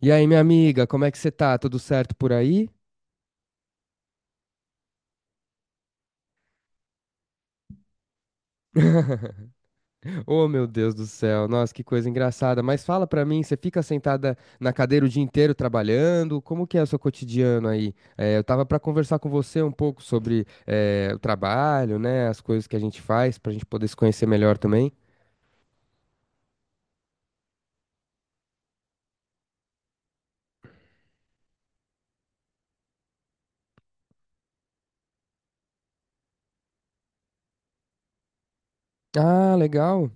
E aí, minha amiga, como é que você tá? Tudo certo por aí? Oh, meu Deus do céu, nossa, que coisa engraçada. Mas fala pra mim, você fica sentada na cadeira o dia inteiro trabalhando? Como que é o seu cotidiano aí? Eu tava pra conversar com você um pouco sobre o trabalho, né? As coisas que a gente faz pra gente poder se conhecer melhor também. Ah, legal.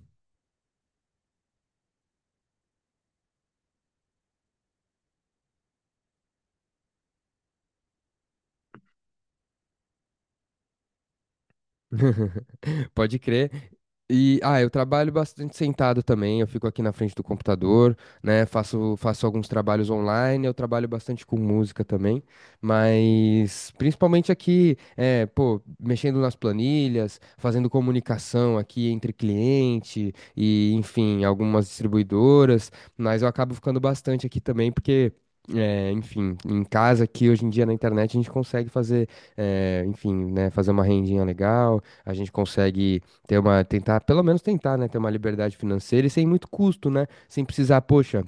Pode crer. E, ah, eu trabalho bastante sentado também, eu fico aqui na frente do computador, né? Faço alguns trabalhos online, eu trabalho bastante com música também, mas principalmente aqui, é, pô, mexendo nas planilhas, fazendo comunicação aqui entre cliente e, enfim, algumas distribuidoras, mas eu acabo ficando bastante aqui também, porque é, enfim, em casa aqui hoje em dia na internet a gente consegue fazer, é, enfim, né, fazer uma rendinha legal, a gente consegue ter uma, tentar, pelo menos tentar, né, ter uma liberdade financeira e sem muito custo, né, sem precisar, poxa,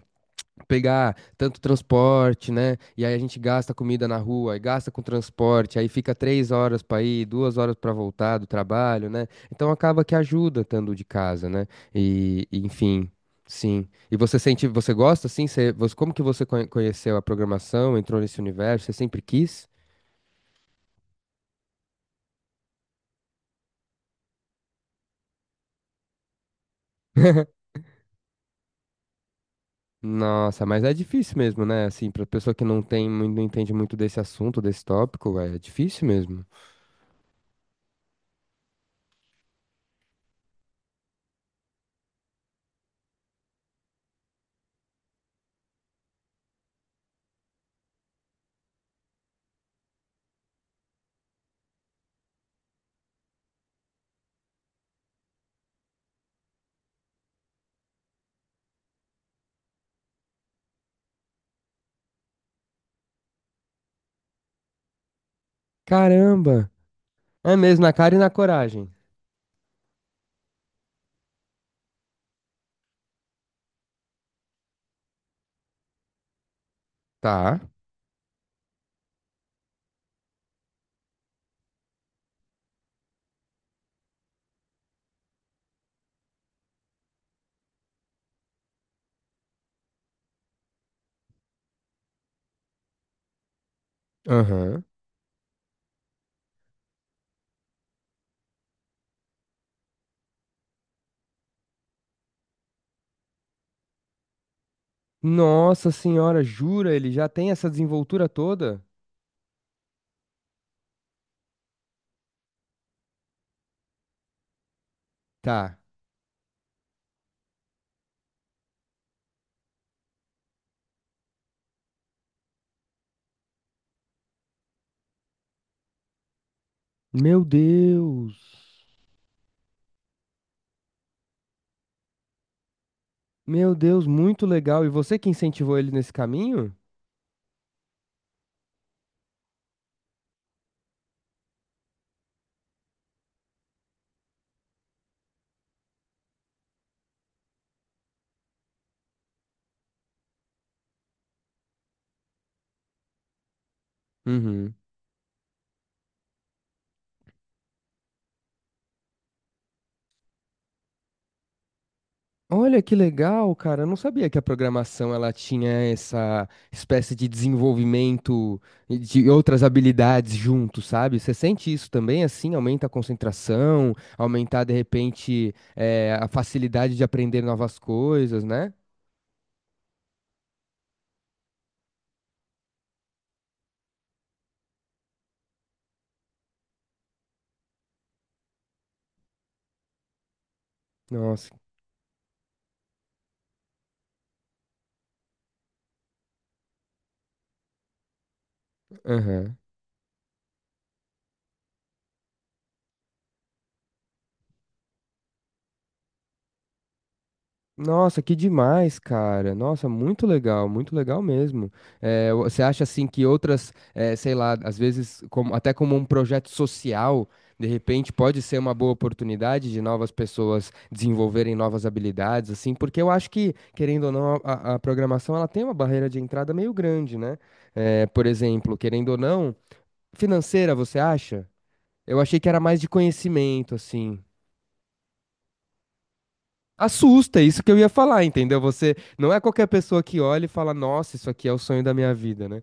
pegar tanto transporte, né, e aí a gente gasta comida na rua, aí gasta com transporte, aí fica 3 horas para ir, 2 horas para voltar do trabalho, né, então acaba que ajuda estando de casa, né, e, enfim. Sim. E você sente, você gosta, assim? Como que conheceu a programação, entrou nesse universo? Você sempre quis? Nossa, mas é difícil mesmo, né? Assim, pra pessoa que não tem, não entende muito desse assunto, desse tópico, é difícil mesmo. Caramba! É mesmo, na cara e na coragem. Tá. Aham. Nossa senhora, jura? Ele já tem essa desenvoltura toda? Tá. Meu Deus! Meu Deus, muito legal. E você que incentivou ele nesse caminho? Uhum. Olha que legal, cara. Eu não sabia que a programação ela tinha essa espécie de desenvolvimento e de outras habilidades junto, sabe? Você sente isso também, assim, aumenta a concentração, aumentar de repente a facilidade de aprender novas coisas, né? Nossa. Nossa, que demais, cara. Nossa, muito legal mesmo. Você acha assim que outras, sei lá, às vezes até como um projeto social, de repente pode ser uma boa oportunidade de novas pessoas desenvolverem novas habilidades, assim, porque eu acho que, querendo ou não, a programação ela tem uma barreira de entrada meio grande, né? Por exemplo, querendo ou não, financeira, você acha? Eu achei que era mais de conhecimento, assim. Assusta, é isso que eu ia falar, entendeu? Você não é qualquer pessoa que olha e fala, nossa, isso aqui é o sonho da minha vida, né?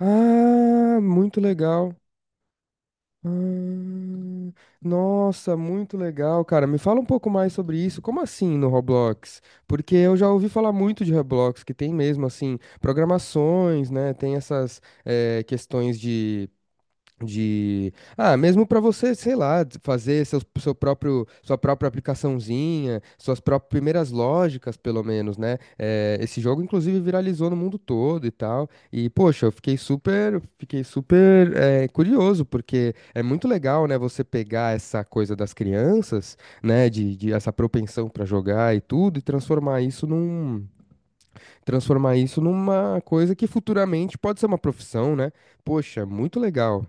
Ah, muito legal. Ah, nossa, muito legal, cara. Me fala um pouco mais sobre isso. Como assim no Roblox? Porque eu já ouvi falar muito de Roblox, que tem mesmo assim programações, né? Tem essas questões de, ah, mesmo para você, sei lá, de fazer seu, seu próprio, sua própria aplicaçãozinha, suas próprias primeiras lógicas, pelo menos, né? Esse jogo, inclusive, viralizou no mundo todo e tal. E, poxa, fiquei super, curioso, porque é muito legal, né, você pegar essa coisa das crianças, né, de essa propensão para jogar e tudo, e transformar isso numa coisa que futuramente pode ser uma profissão, né? Poxa, muito legal.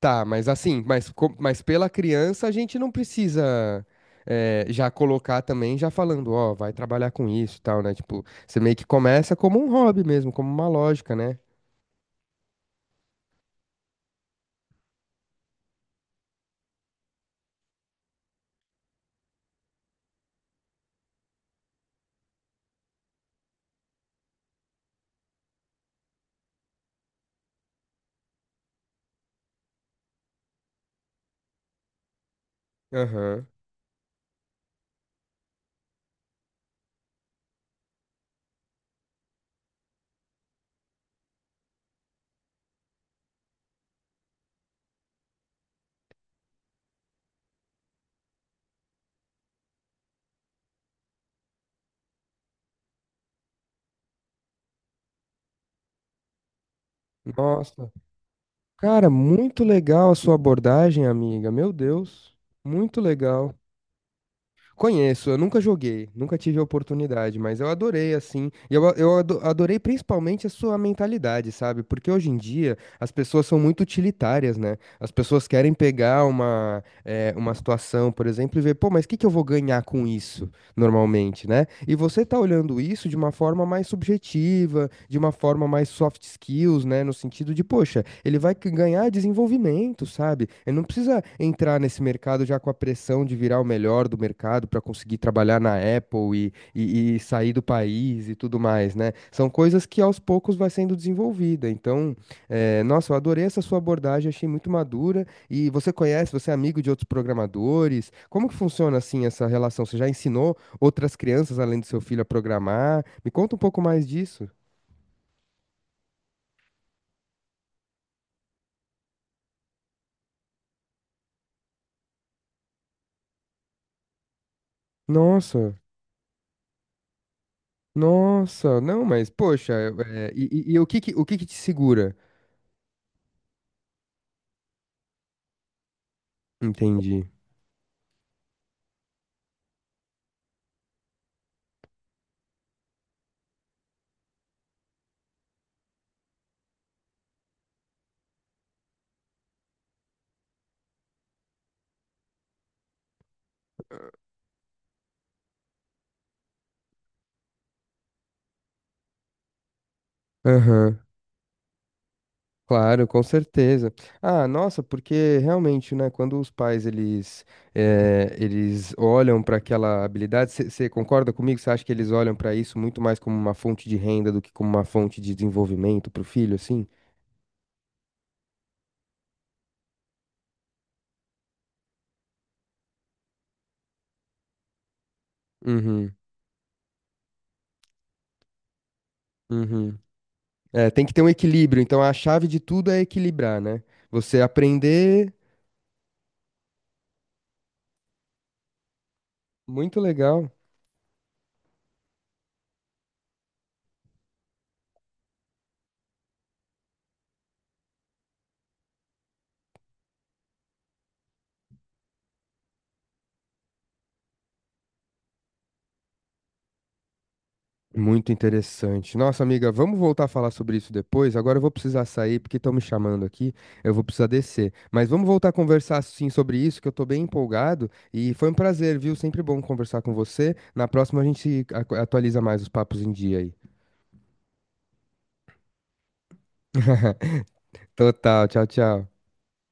Tá, mas assim, mas, mas pela criança a gente não precisa já colocar também, já falando, ó, vai trabalhar com isso e tal, né? Tipo, você meio que começa como um hobby mesmo, como uma lógica, né? Aham. Nossa. Cara, muito legal a sua abordagem, amiga. Meu Deus. Muito legal. Conheço, eu nunca joguei, nunca tive a oportunidade, mas eu adorei, assim, e eu, eu adorei principalmente a sua mentalidade, sabe? Porque hoje em dia as pessoas são muito utilitárias, né? As pessoas querem pegar uma, uma situação, por exemplo, e ver, pô, mas o que que eu vou ganhar com isso? Normalmente, né? E você tá olhando isso de uma forma mais subjetiva, de uma forma mais soft skills, né? No sentido de, poxa, ele vai ganhar desenvolvimento, sabe? Ele não precisa entrar nesse mercado já com a pressão de virar o melhor do mercado para conseguir trabalhar na Apple e, e sair do país e tudo mais, né? São coisas que aos poucos vai sendo desenvolvida. Então, nossa, eu adorei essa sua abordagem, achei muito madura. E você conhece, você é amigo de outros programadores? Como que funciona assim essa relação? Você já ensinou outras crianças além do seu filho a programar? Me conta um pouco mais disso. Nossa, não, mas poxa, é, e o que o que que te segura? Entendi. Aham, claro, com certeza. Ah, nossa, porque realmente, né, quando os pais eles eles olham para aquela habilidade, você concorda comigo? Você acha que eles olham para isso muito mais como uma fonte de renda do que como uma fonte de desenvolvimento para o filho, assim? Uhum, uhum. É, tem que ter um equilíbrio. Então a chave de tudo é equilibrar, né? Você aprender. Muito legal. Muito interessante. Nossa, amiga, vamos voltar a falar sobre isso depois. Agora eu vou precisar sair porque estão me chamando aqui. Eu vou precisar descer. Mas vamos voltar a conversar sim sobre isso, que eu tô bem empolgado. E foi um prazer, viu? Sempre bom conversar com você. Na próxima a gente atualiza mais os papos em dia aí. Total. Tchau, tchau.